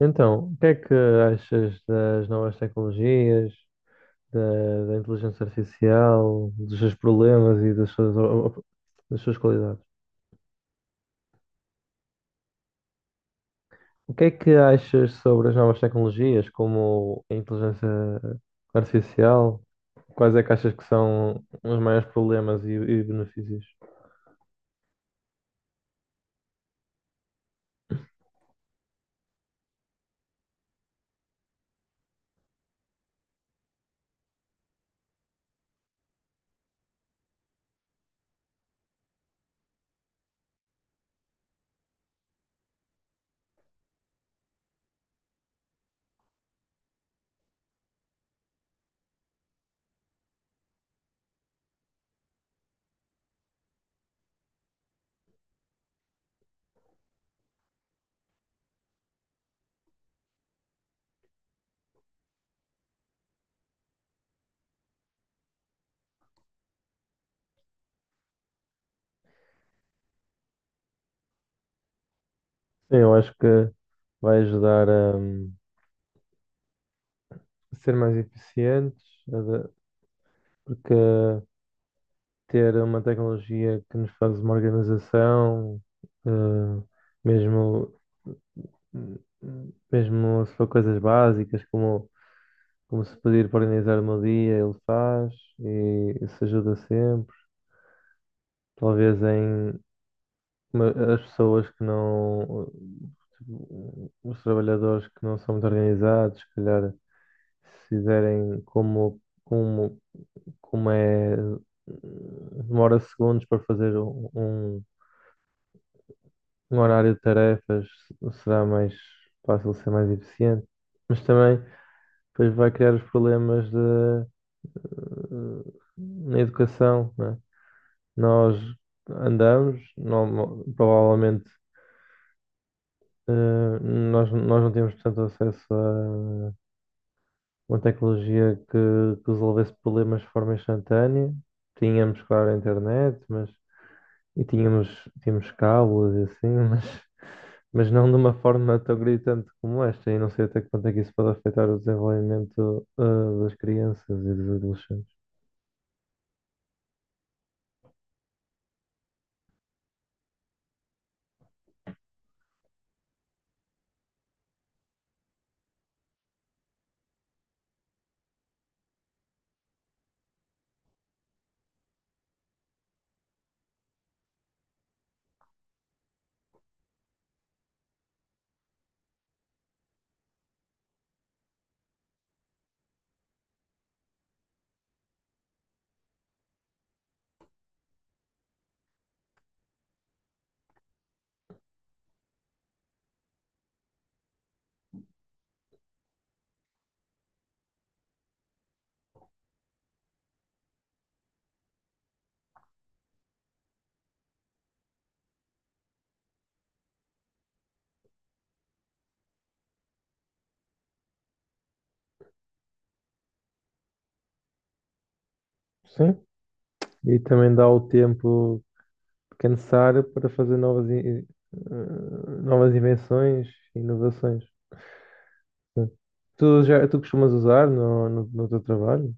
Então, o que é que achas das novas tecnologias, da inteligência artificial, dos seus problemas e das suas, das suas qualidades? O que é que achas sobre as novas tecnologias, como a inteligência artificial? Quais é que achas que são os maiores problemas e benefícios? Sim, eu acho que vai ajudar a, ser mais eficientes, a da- porque ter uma tecnologia que nos faz uma organização, eh, mesmo, mesmo se for coisas básicas, como se pedir para organizar o meu dia, ele faz e isso ajuda sempre. Talvez em as pessoas que não, tipo, os trabalhadores que não são muito organizados, se calhar se fizerem como é, demora segundos para fazer um horário de tarefas será mais fácil ser mais eficiente, mas também depois vai criar os problemas de, eh, na educação, né? Nós andamos, provavelmente nós não temos tanto acesso a uma tecnologia que resolvesse problemas de forma instantânea. Tínhamos, claro, a internet, mas e tínhamos, tínhamos cabos e assim, mas não de uma forma tão gritante como esta, e não sei até que ponto é que isso pode afetar o desenvolvimento, ah, das crianças e dos adolescentes. Sim. E também dá o tempo que é necessário para fazer novas, novas invenções, e inovações. Sim. Tu costumas usar no teu trabalho?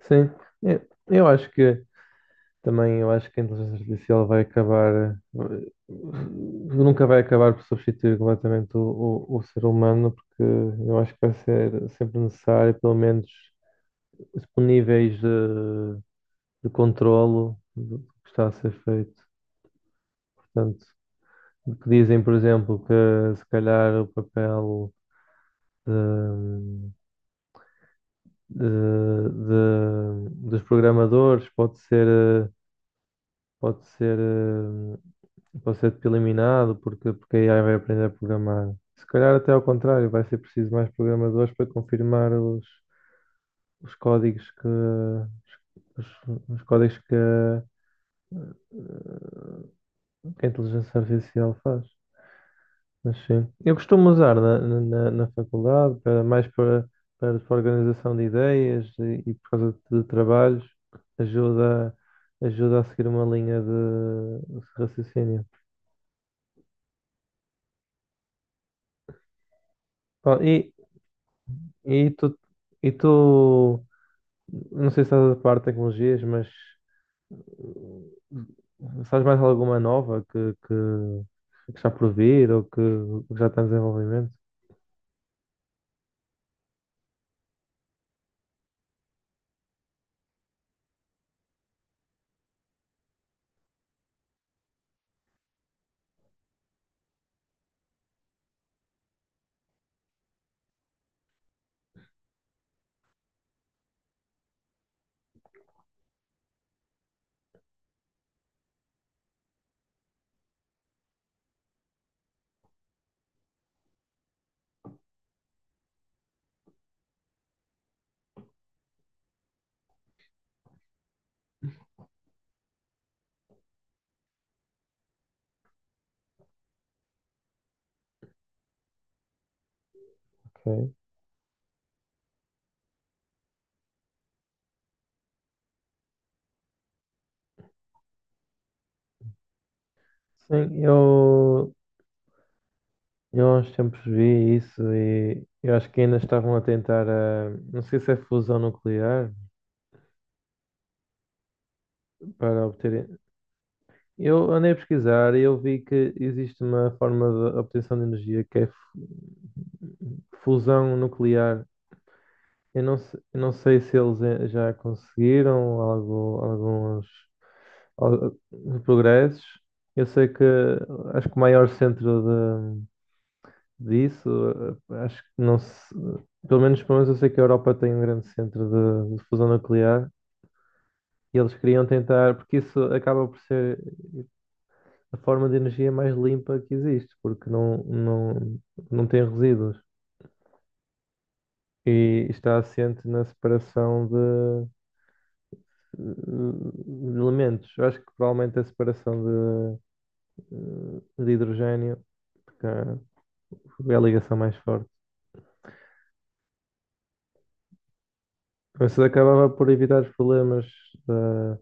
Sim, eu acho que também eu acho que a inteligência artificial vai acabar, nunca vai acabar por substituir completamente o ser humano, porque eu acho que vai ser sempre necessário, pelo menos, os níveis de controlo do que está a ser feito. Portanto, o que dizem, por exemplo, que se calhar o papel de- de- dos programadores pode ser, eh, pode ser eh, vou ser tipo eliminado porque, porque a AI vai aprender a programar. Se calhar até ao contrário, vai ser preciso mais programadores para confirmar os códigos que os, os códigos que a inteligência artificial faz. Mas sim. Eu costumo usar na faculdade para mais para, para, para, organização de ideias e por causa de trabalhos ajuda, ajuda a seguir uma linha de raciocínio. Bom, e tu, e tu, não sei se estás a par de tecnologias, mas sabes mais alguma nova que está por vir ou que já está em desenvolvimento? Ok. Sim, eu há uns tempos vi isso e eu acho que ainda estavam a tentar, a, não sei se é fusão nuclear para obter. Eu andei a pesquisar e eu vi que existe uma forma de obtenção de energia que é fusão nuclear. Eu não sei se eles já conseguiram algo, alguns progressos. Eu sei que acho que o maior centro de, disso, acho que não se. Pelo menos eu sei que a Europa tem um grande centro de fusão nuclear e eles queriam tentar, porque isso acaba por ser a forma de energia mais limpa que existe, porque não tem resíduos e está assente na separação elementos. Eu acho que provavelmente a separação de, de hidrogênio, porque é a ligação mais forte. Mas isso acabava por evitar os problemas da-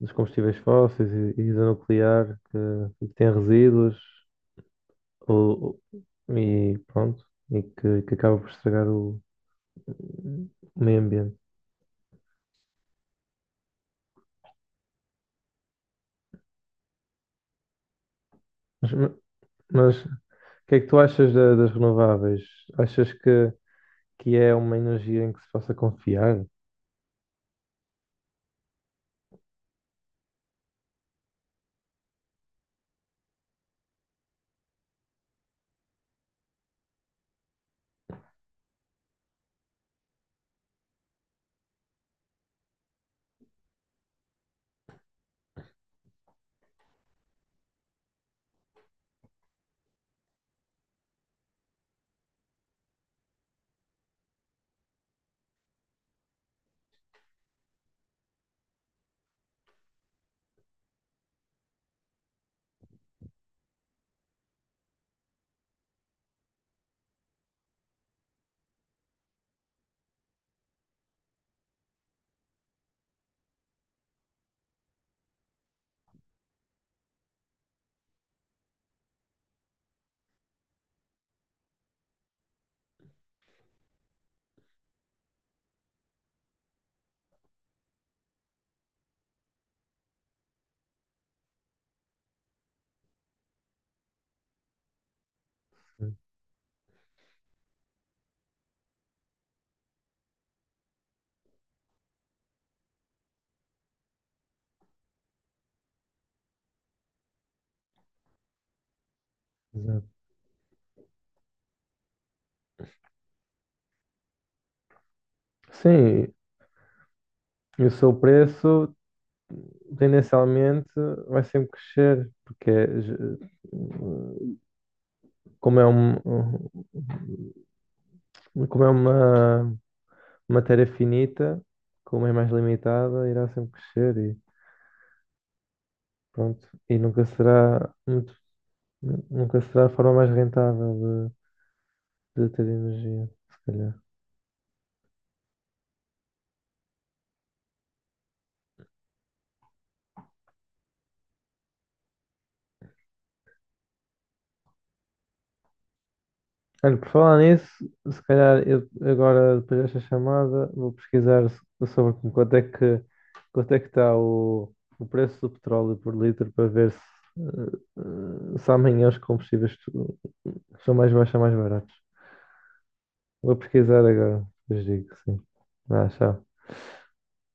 dos combustíveis fósseis e da nuclear, que tem resíduos ou, e pronto, que acaba por estragar o meio ambiente. Mas, mas o que é que tu achas das renováveis? Achas que é uma energia em que se possa confiar? Exato. Sim, e o seu preço, tendencialmente, vai sempre crescer, porque é como é, um, um- como é uma matéria finita, como é mais limitada, irá sempre crescer e pronto. E nunca será muito, nunca será a forma mais rentável de ter energia, se calhar. Olha, por falar nisso, se calhar eu agora, depois desta chamada, vou pesquisar sobre com quanto é quanto é que está o preço do petróleo por litro para ver se, eh, se amanhã os combustíveis são mais baixos ou mais baratos. Vou pesquisar agora, depois digo, sim. Ah, tchau.